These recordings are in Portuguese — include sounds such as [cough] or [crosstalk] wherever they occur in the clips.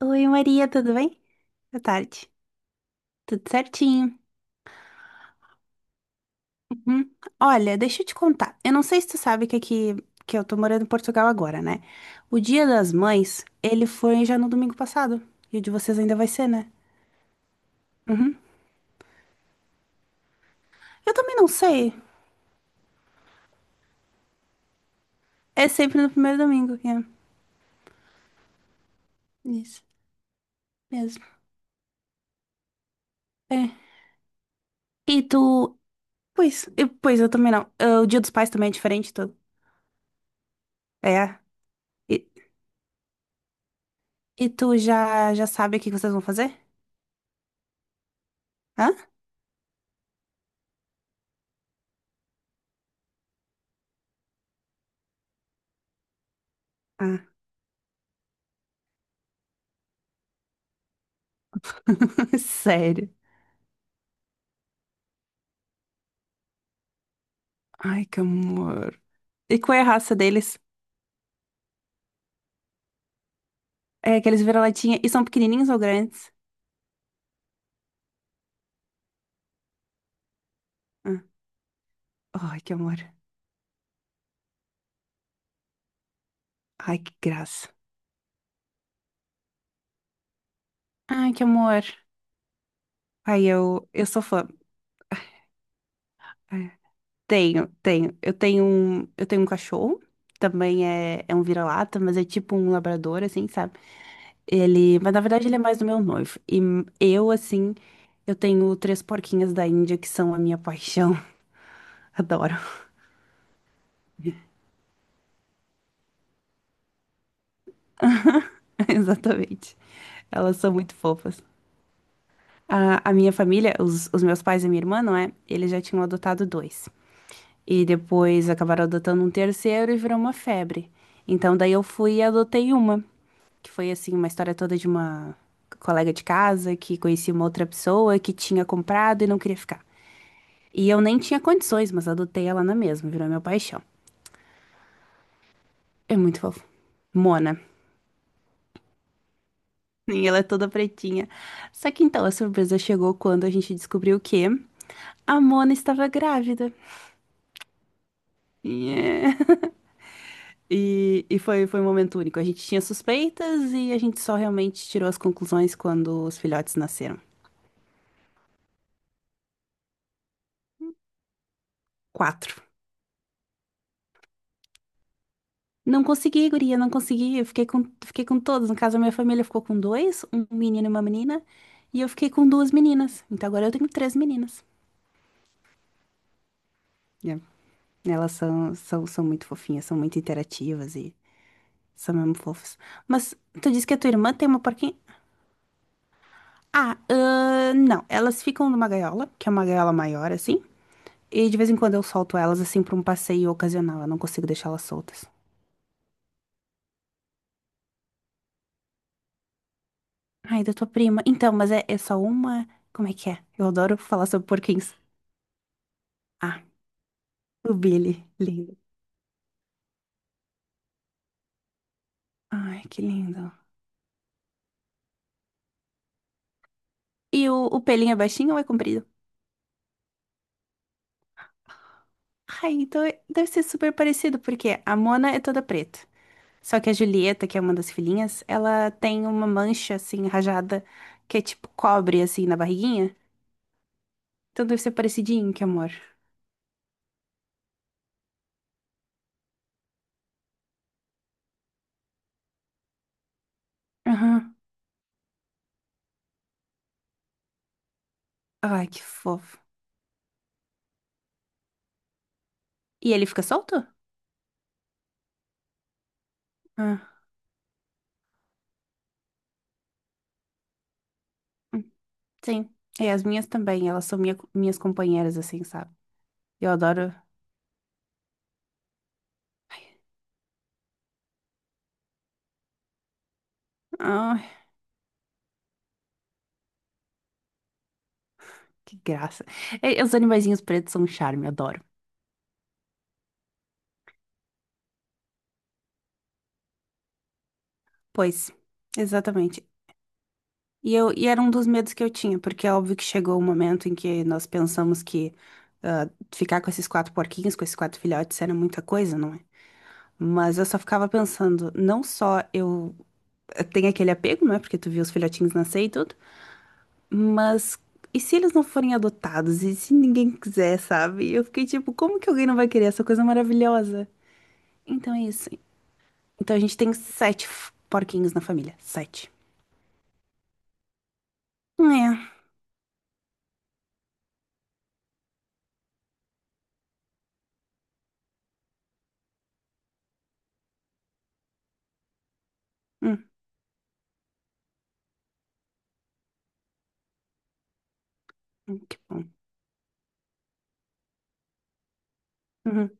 Oi, Maria, tudo bem? Boa tarde. Tudo certinho. Uhum. Olha, deixa eu te contar. Eu não sei se tu sabe que aqui, que eu tô morando em Portugal agora, né? O Dia das Mães, ele foi já no domingo passado. E o de vocês ainda vai ser, né? Uhum. Eu também não sei. É sempre no primeiro domingo, é. Isso, mesmo. É. E tu... Pois, eu também não. Ah, o Dia dos Pais também é diferente, tu... É. E, e tu já, já sabe o que que vocês vão fazer? Hã? Ah. [laughs] Sério. Ai, que amor. E qual é a raça deles? É que eles viram latinha e são pequenininhos ou grandes? Ah. Ai, que amor. Ai, que graça. Ai, que amor. Ai, eu sou fã. É. Tenho, tenho. Eu tenho um cachorro. Também é, é um vira-lata, mas é tipo um labrador, assim, sabe? Ele, mas na verdade ele é mais do meu noivo. E eu, assim, eu tenho três porquinhas da Índia que são a minha paixão. [laughs] Adoro. [laughs] Exatamente. Elas são muito fofas. A minha família, os meus pais e minha irmã, não é? Eles já tinham adotado dois. E depois acabaram adotando um terceiro e virou uma febre. Então daí eu fui e adotei uma, que foi assim, uma história toda de uma colega de casa que conhecia uma outra pessoa que tinha comprado e não queria ficar. E eu nem tinha condições, mas adotei ela na mesma, virou meu paixão. É muito fofo. Mona. [laughs] E ela é toda pretinha. Só que então a surpresa chegou quando a gente descobriu que a Mona estava grávida. Yeah. E foi, foi um momento único. A gente tinha suspeitas e a gente só realmente tirou as conclusões quando os filhotes nasceram. Quatro. Não consegui, guria, não consegui. Fiquei com todos. No caso, a minha família ficou com dois, um menino e uma menina. E eu fiquei com duas meninas. Então agora eu tenho três meninas. Yeah. Elas são, são, são muito fofinhas, são muito interativas e são mesmo fofas. Mas tu disse que a tua irmã tem uma porquinha? Ah, não. Elas ficam numa gaiola, que é uma gaiola maior, assim. E de vez em quando eu solto elas assim pra um passeio ocasional, eu não consigo deixá-las soltas. Ai, da tua prima. Então, mas é, é só uma. Como é que é? Eu adoro falar sobre porquinhos. Ah, o Billy. Lindo. Ai, que lindo. E o pelinho é baixinho ou é comprido? Ai, então deve ser super parecido, porque a Mona é toda preta. Só que a Julieta, que é uma das filhinhas, ela tem uma mancha assim, rajada, que é tipo cobre assim na barriguinha. Então deve ser parecidinho, que amor. Aham. Ai, que fofo. E ele fica solto? Ah. Sim, é, as minhas também, elas são minhas companheiras, assim, sabe? Eu adoro. Ai, que graça. É, os animaizinhos pretos são um charme, eu adoro. Pois, exatamente. E era um dos medos que eu tinha, porque é óbvio que chegou o momento em que nós pensamos que ah, ficar com esses quatro porquinhos, com esses quatro filhotes, era muita coisa, não é? Mas eu só ficava pensando, não só eu tenho aquele apego, não é? Porque tu viu os filhotinhos nascer e tudo. Mas e se eles não forem adotados? E se ninguém quiser, sabe? Eu fiquei tipo, como que alguém não vai querer essa coisa maravilhosa? Então é isso. Então a gente tem sete porquinhos na família. Sete. É. Hum, que bom. Uhum.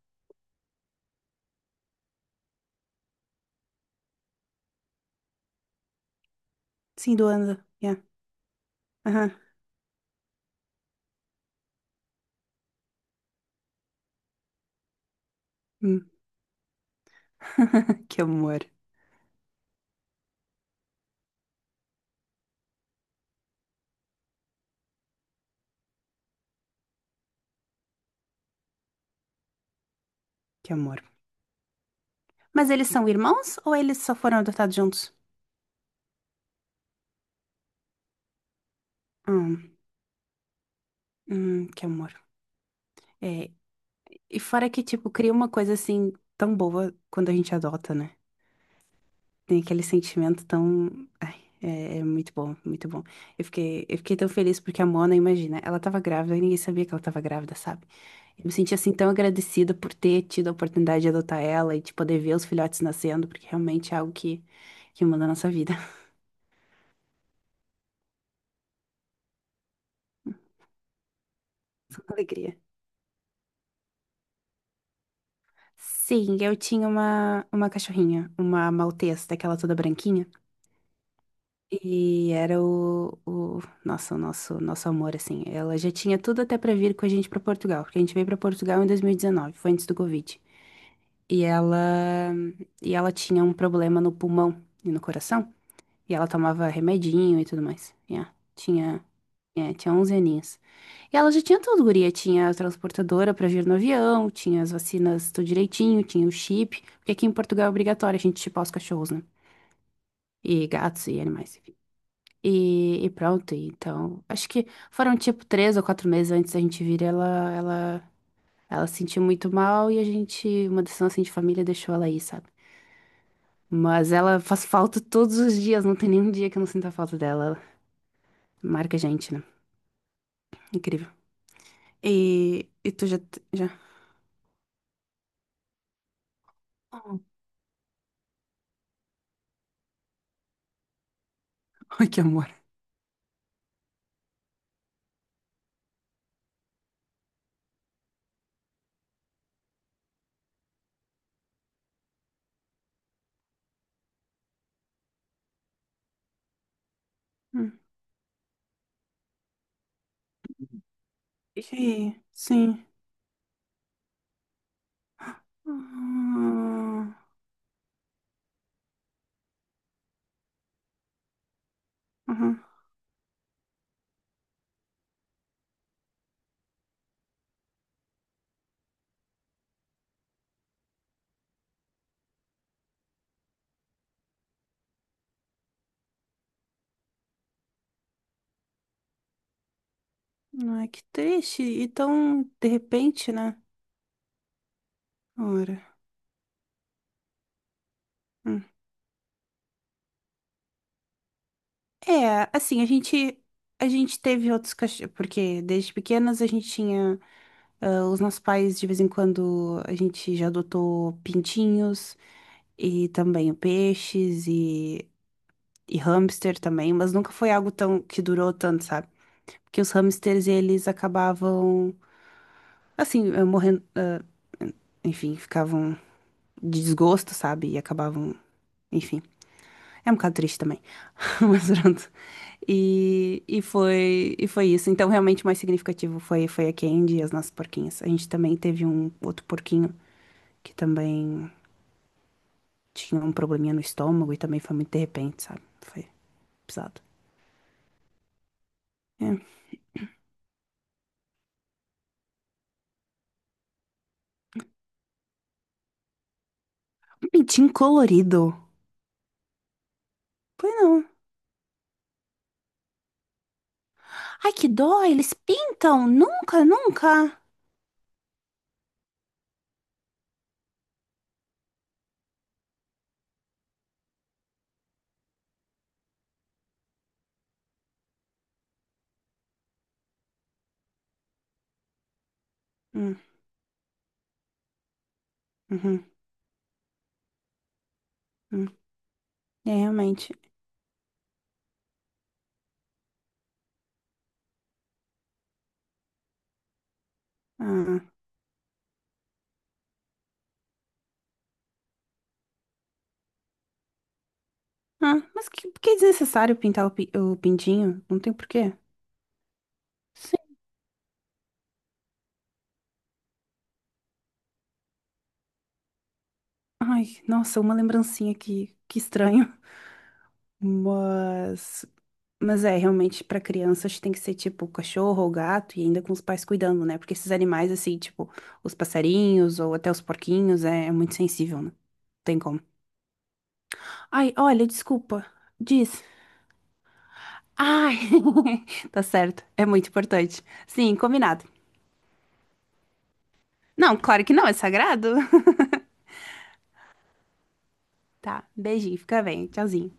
Sim, do Anda. Yeah. Aham. Hum. [laughs] Que amor. Que amor. Mas eles são irmãos ou eles só foram adotados juntos? Hum, que amor. É, e fora que, tipo, cria uma coisa assim tão boa quando a gente adota, né? Tem aquele sentimento tão. Ai, é, é muito bom, muito bom. Eu fiquei tão feliz porque a Mona, imagina, ela tava grávida e ninguém sabia que ela tava grávida, sabe? Eu me senti assim tão agradecida por ter tido a oportunidade de adotar ela e de poder ver os filhotes nascendo, porque realmente é algo que muda a nossa vida. [laughs] Alegria. Sim, eu tinha uma cachorrinha, uma maltesa, daquela toda branquinha. E era o nossa, nosso amor, assim. Ela já tinha tudo até pra vir com a gente pra Portugal, porque a gente veio pra Portugal em 2019, foi antes do Covid. E ela, e ela tinha um problema no pulmão e no coração, e ela tomava remedinho e tudo mais. Tinha, é, tinha 11 aninhos. E ela já tinha tudo, guria, tinha a transportadora pra vir no avião, tinha as vacinas tudo direitinho, tinha o chip, porque aqui em Portugal é obrigatório a gente chipar os cachorros, né? E gatos e animais. E pronto, e então. Acho que foram tipo três ou quatro meses antes da gente vir, ela se sentiu muito mal e a gente, uma decisão assim de família, deixou ela aí, sabe? Mas ela faz falta todos os dias, não tem nenhum dia que eu não sinta falta dela. Ela marca a gente, né? Incrível. E tu já, já. Oh. [laughs] Ai, que amor. Hum. E, sim. Ah, aham. Não é que triste. E tão de repente, né? Ora. É, assim, a gente teve outros cachorros, porque desde pequenas a gente tinha ah, os nossos pais de vez em quando a gente já adotou pintinhos e também peixes e hamster também, mas nunca foi algo tão que durou tanto, sabe? Porque os hamsters eles acabavam assim, morrendo, ah, enfim, ficavam de desgosto, sabe? E acabavam, enfim. É um bocado triste também. [laughs] Mas pronto. E foi isso. Então, realmente, o mais significativo foi, foi a Candy e as nossas porquinhas. A gente também teve um outro porquinho que também tinha um probleminha no estômago e também foi muito de repente, sabe? Foi pesado. É. Um pintinho colorido. Foi não. Ai, que dó, eles pintam. Nunca, nunca. Hum, uhum, hum. É, realmente. Ah, ah, mas que é desnecessário pintar o, o pintinho? Não tem porquê. Ai, nossa, uma lembrancinha aqui, que estranho. Mas, mas é, realmente, pra crianças tem que ser tipo cachorro ou gato e ainda com os pais cuidando, né? Porque esses animais, assim, tipo, os passarinhos ou até os porquinhos, é, é muito sensível, né? Não tem como. Ai, olha, desculpa. Diz. Ai, [laughs] tá certo. É muito importante. Sim, combinado. Não, claro que não, é sagrado. Tá, beijinho, fica bem. Tchauzinho.